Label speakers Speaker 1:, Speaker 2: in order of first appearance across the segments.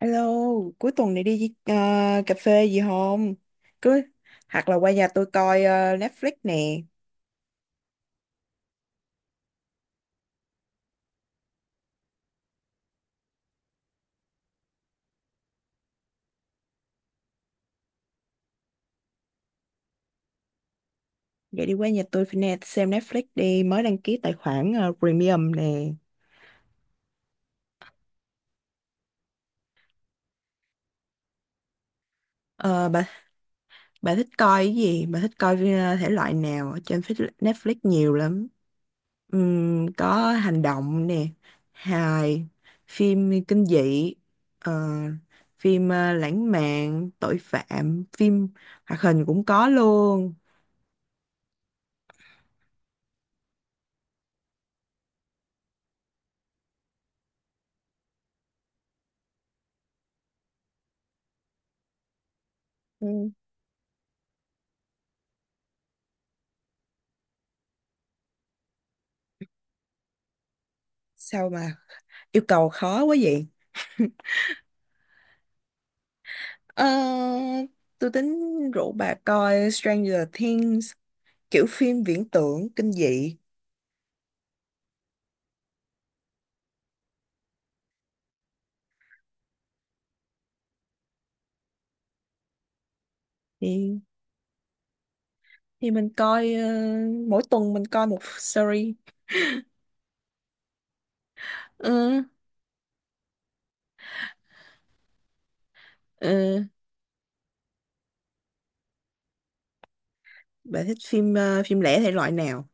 Speaker 1: Alo, cuối tuần này đi cà phê gì không? Cứ Hoặc là qua nhà tôi coi Netflix nè. Vậy đi qua nhà tôi phải nè, xem Netflix đi, mới đăng ký tài khoản premium nè. Ờ, bà bà thích coi cái gì? Bà thích coi thể loại nào? Ở trên Netflix nhiều lắm. Có hành động nè, hài, phim kinh dị, ờ, phim lãng mạn, tội phạm, phim hoạt hình cũng có luôn. Ừ. Sao mà yêu cầu khó quá vậy. Ờ, tôi tính rủ bà coi Stranger Things, kiểu phim viễn tưởng kinh dị. Thì thì mình coi mỗi tuần mình coi một series. Ừ, ừ. Bà thích phim phim lẻ thể loại nào?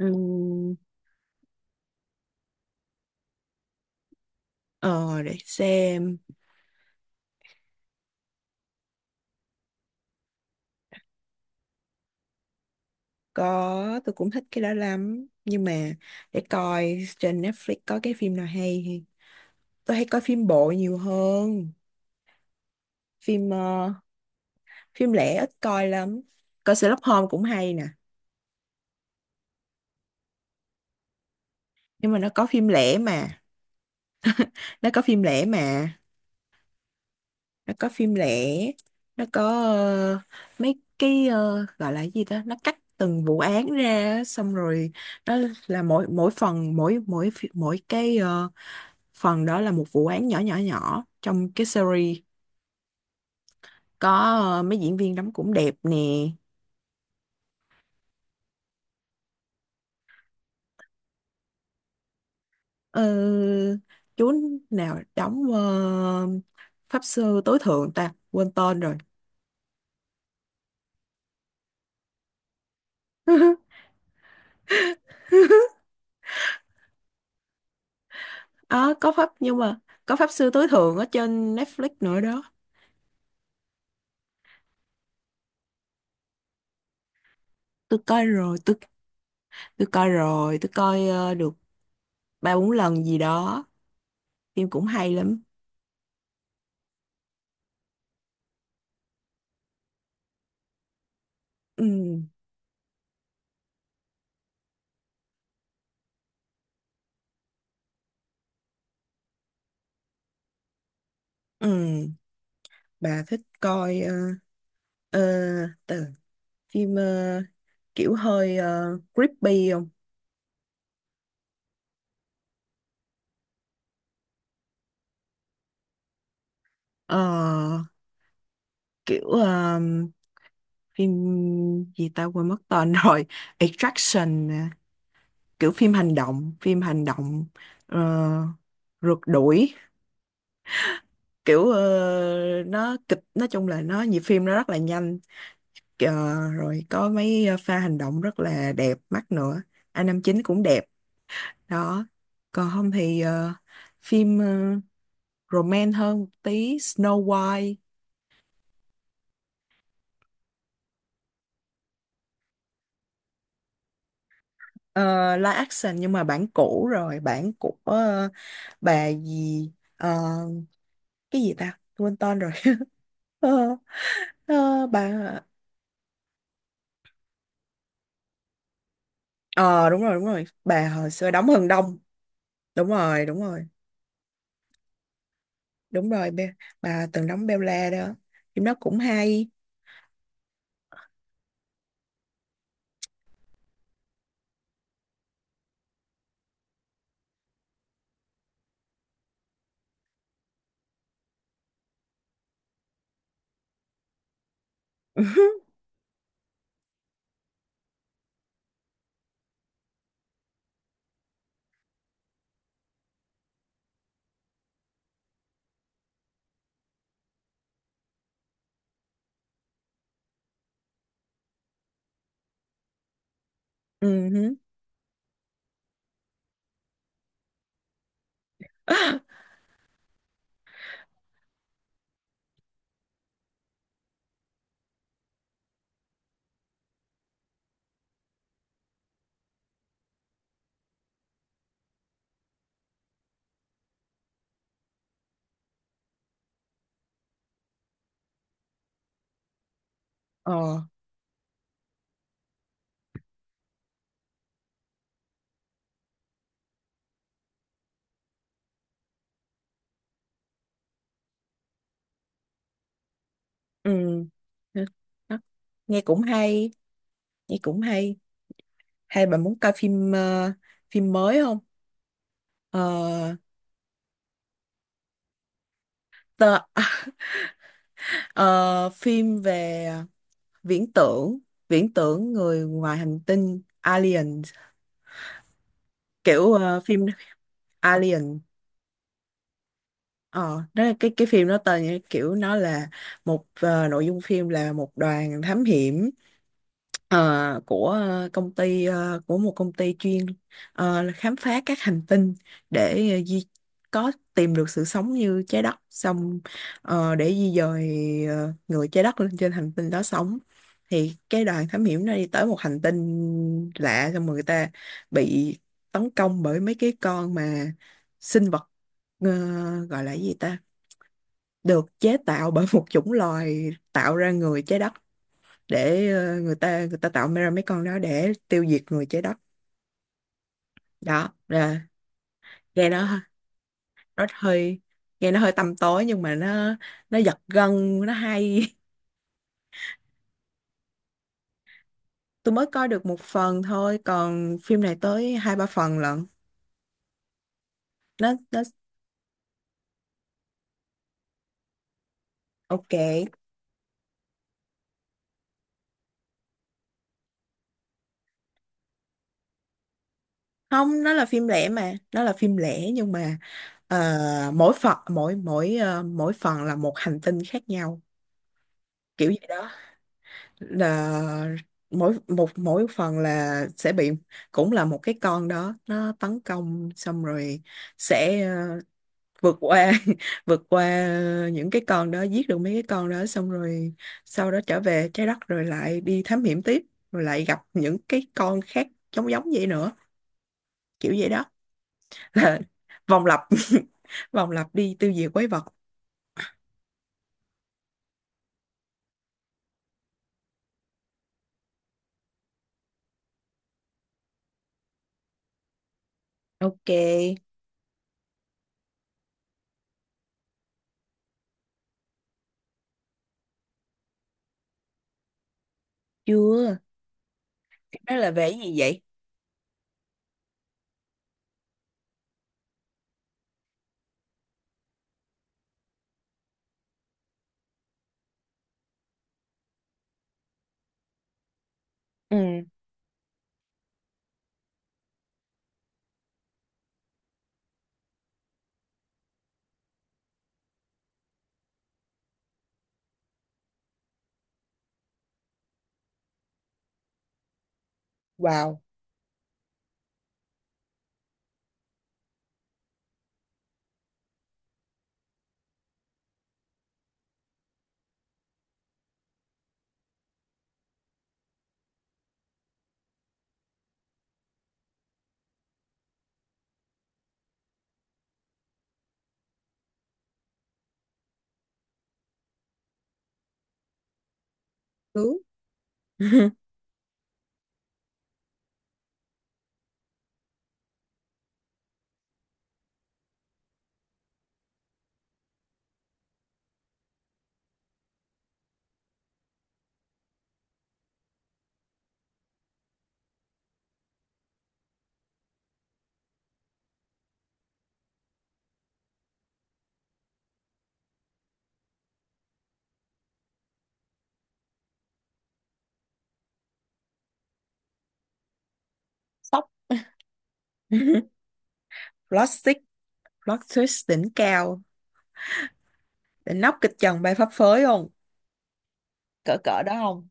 Speaker 1: Ừm, ờ để xem. Có, tôi cũng thích cái đó lắm, nhưng mà để coi trên Netflix có cái phim nào hay thì tôi hay coi phim bộ nhiều hơn, phim phim lẻ ít coi lắm. Coi Sherlock Holmes cũng hay nè. Nhưng mà nó có phim lẻ mà nó có phim lẻ. Nó có mấy cái gọi là cái gì ta, nó cắt từng vụ án ra á, xong rồi nó là mỗi mỗi phần, mỗi mỗi phi- mỗi cái phần đó là một vụ án nhỏ nhỏ nhỏ trong cái series. Có mấy diễn viên đóng cũng đẹp nè. Ờ, chú nào đóng pháp sư tối thượng, ta quên tên rồi. Ờ, có pháp Nhưng mà có pháp sư tối thượng ở trên Netflix nữa đó. Tôi coi rồi, tôi coi rồi, tôi coi được ba bốn lần gì đó. Phim cũng hay lắm. Ừ, ừ. Bà thích coi ờ, ờ, từ phim kiểu hơi creepy không? Ờ, Kiểu phim gì ta quên mất tên rồi. Extraction, nè. Kiểu phim hành động, ờ, rượt đuổi. Kiểu ờ, nó kịch nói chung là nó nhịp phim nó rất là nhanh. Ờ, Rồi có mấy pha hành động rất là đẹp mắt nữa. Năm chín cũng đẹp. Đó. Còn không thì phim romance hơn một tí, Snow White. Ờ, Live action nhưng mà bản cũ rồi, bản của bà gì ờ, cái gì ta, quên tên rồi. Ờ, ờ, bà ờ Đúng rồi, đúng rồi, bà hồi xưa đóng Hừng Đông. Đúng rồi, đúng rồi, đúng rồi. Bà từng đóng Bella đó, phim đó cũng hay. Ừ hứ. ờ ừ. Đó. Nghe cũng hay, nghe cũng hay. Hay bà muốn coi phim phim mới không? Ờ, tờ, ờ, Phim về viễn tưởng viễn tưởng người ngoài hành tinh, Alien. Kiểu phim Alien. Ờ Đó là cái phim đó, tên như kiểu nó là nội dung phim là một đoàn thám hiểm ờ, của ờ, công ty ờ, của một công ty chuyên là khám phá các hành tinh để ờ, di có tìm được sự sống như trái đất, xong để di dời người trái đất lên trên hành tinh đó sống. Thì cái đoàn thám hiểm nó đi tới một hành tinh lạ, xong rồi người ta bị tấn công bởi mấy cái con mà sinh vật ờ, gọi là cái gì ta, được chế tạo bởi một chủng loài tạo ra người trái đất, để người ta tạo ra mấy con đó để tiêu diệt người trái đất. Đó là, nghe nó nó hơi nghe nó hơi tăm tối nhưng mà nó giật gân, nó hay. Tôi mới coi được một phần thôi, còn phim này tới hai ba phần lận. Nó nó ok không nó là phim lẻ mà, nó là phim lẻ nhưng mà mỗi phần, mỗi mỗi ờ, mỗi phần là một hành tinh khác nhau. Kiểu gì đó, là mỗi phần là sẽ bị cũng là một cái con đó nó tấn công, xong rồi sẽ vượt qua vượt qua những cái con đó, giết được mấy cái con đó, xong rồi sau đó trở về trái đất rồi lại đi thám hiểm tiếp, rồi lại gặp những cái con khác giống giống vậy nữa, kiểu vậy đó. Là vòng lặp. Vòng lặp đi tiêu diệt quái vật. Ok, chưa. Đó là về cái gì vậy? Ừ. Wow. Cứu. Sốc. Plastic, plot twist đỉnh cao. Đỉnh nóc kịch trần bay phấp phới không? Cỡ cỡ đó không?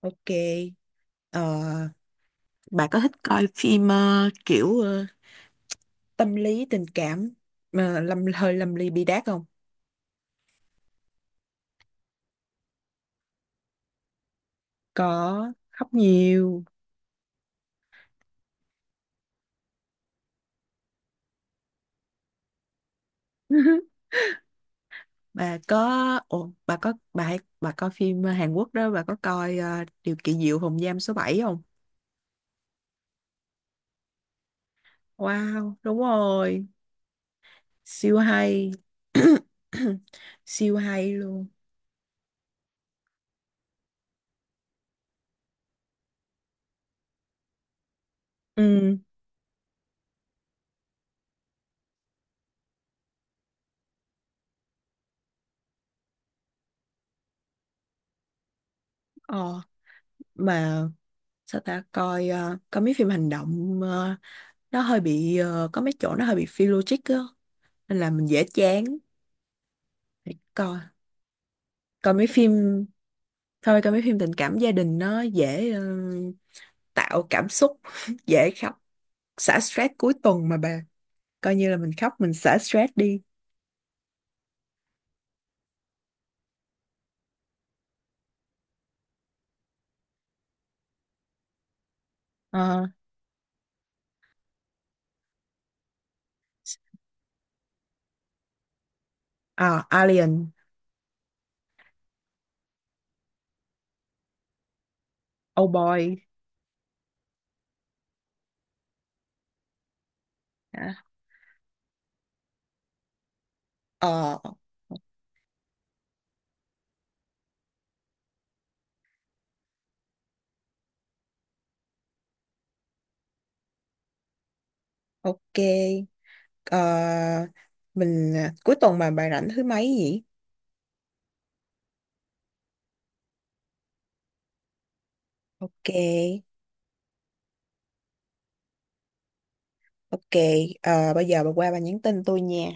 Speaker 1: Ok. Ờ, bà có thích coi phim kiểu tâm lý tình cảm mà hơi lâm ly bi đát không? Có khóc nhiều. Bà có ồ, bà có bà hay- Bà coi phim Hàn Quốc đó, bà có coi Điều kỳ diệu phòng giam số 7 không? Wow, đúng rồi. Siêu hay. Siêu hay luôn. Ừ, ờ mà sao ta coi coi mấy phim hành động, nó hơi bị có mấy chỗ nó hơi bị phi logic á, nên là mình dễ chán. Để coi. Coi mấy phim Thôi coi mấy phim tình cảm gia đình, nó dễ tạo cảm xúc dễ khóc, xả stress cuối tuần mà bà, coi như là mình khóc mình xả stress đi. Ờ, À, Alien. Oh Boy. Hả? ờ ok. Ờ, mình cuối tuần mà bà rảnh thứ mấy vậy? Ok. Ok, bây giờ bà qua bà nhắn tin tôi nha.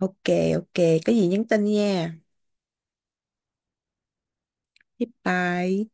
Speaker 1: Ok, ok, có gì nhắn tin nha. Bye bye.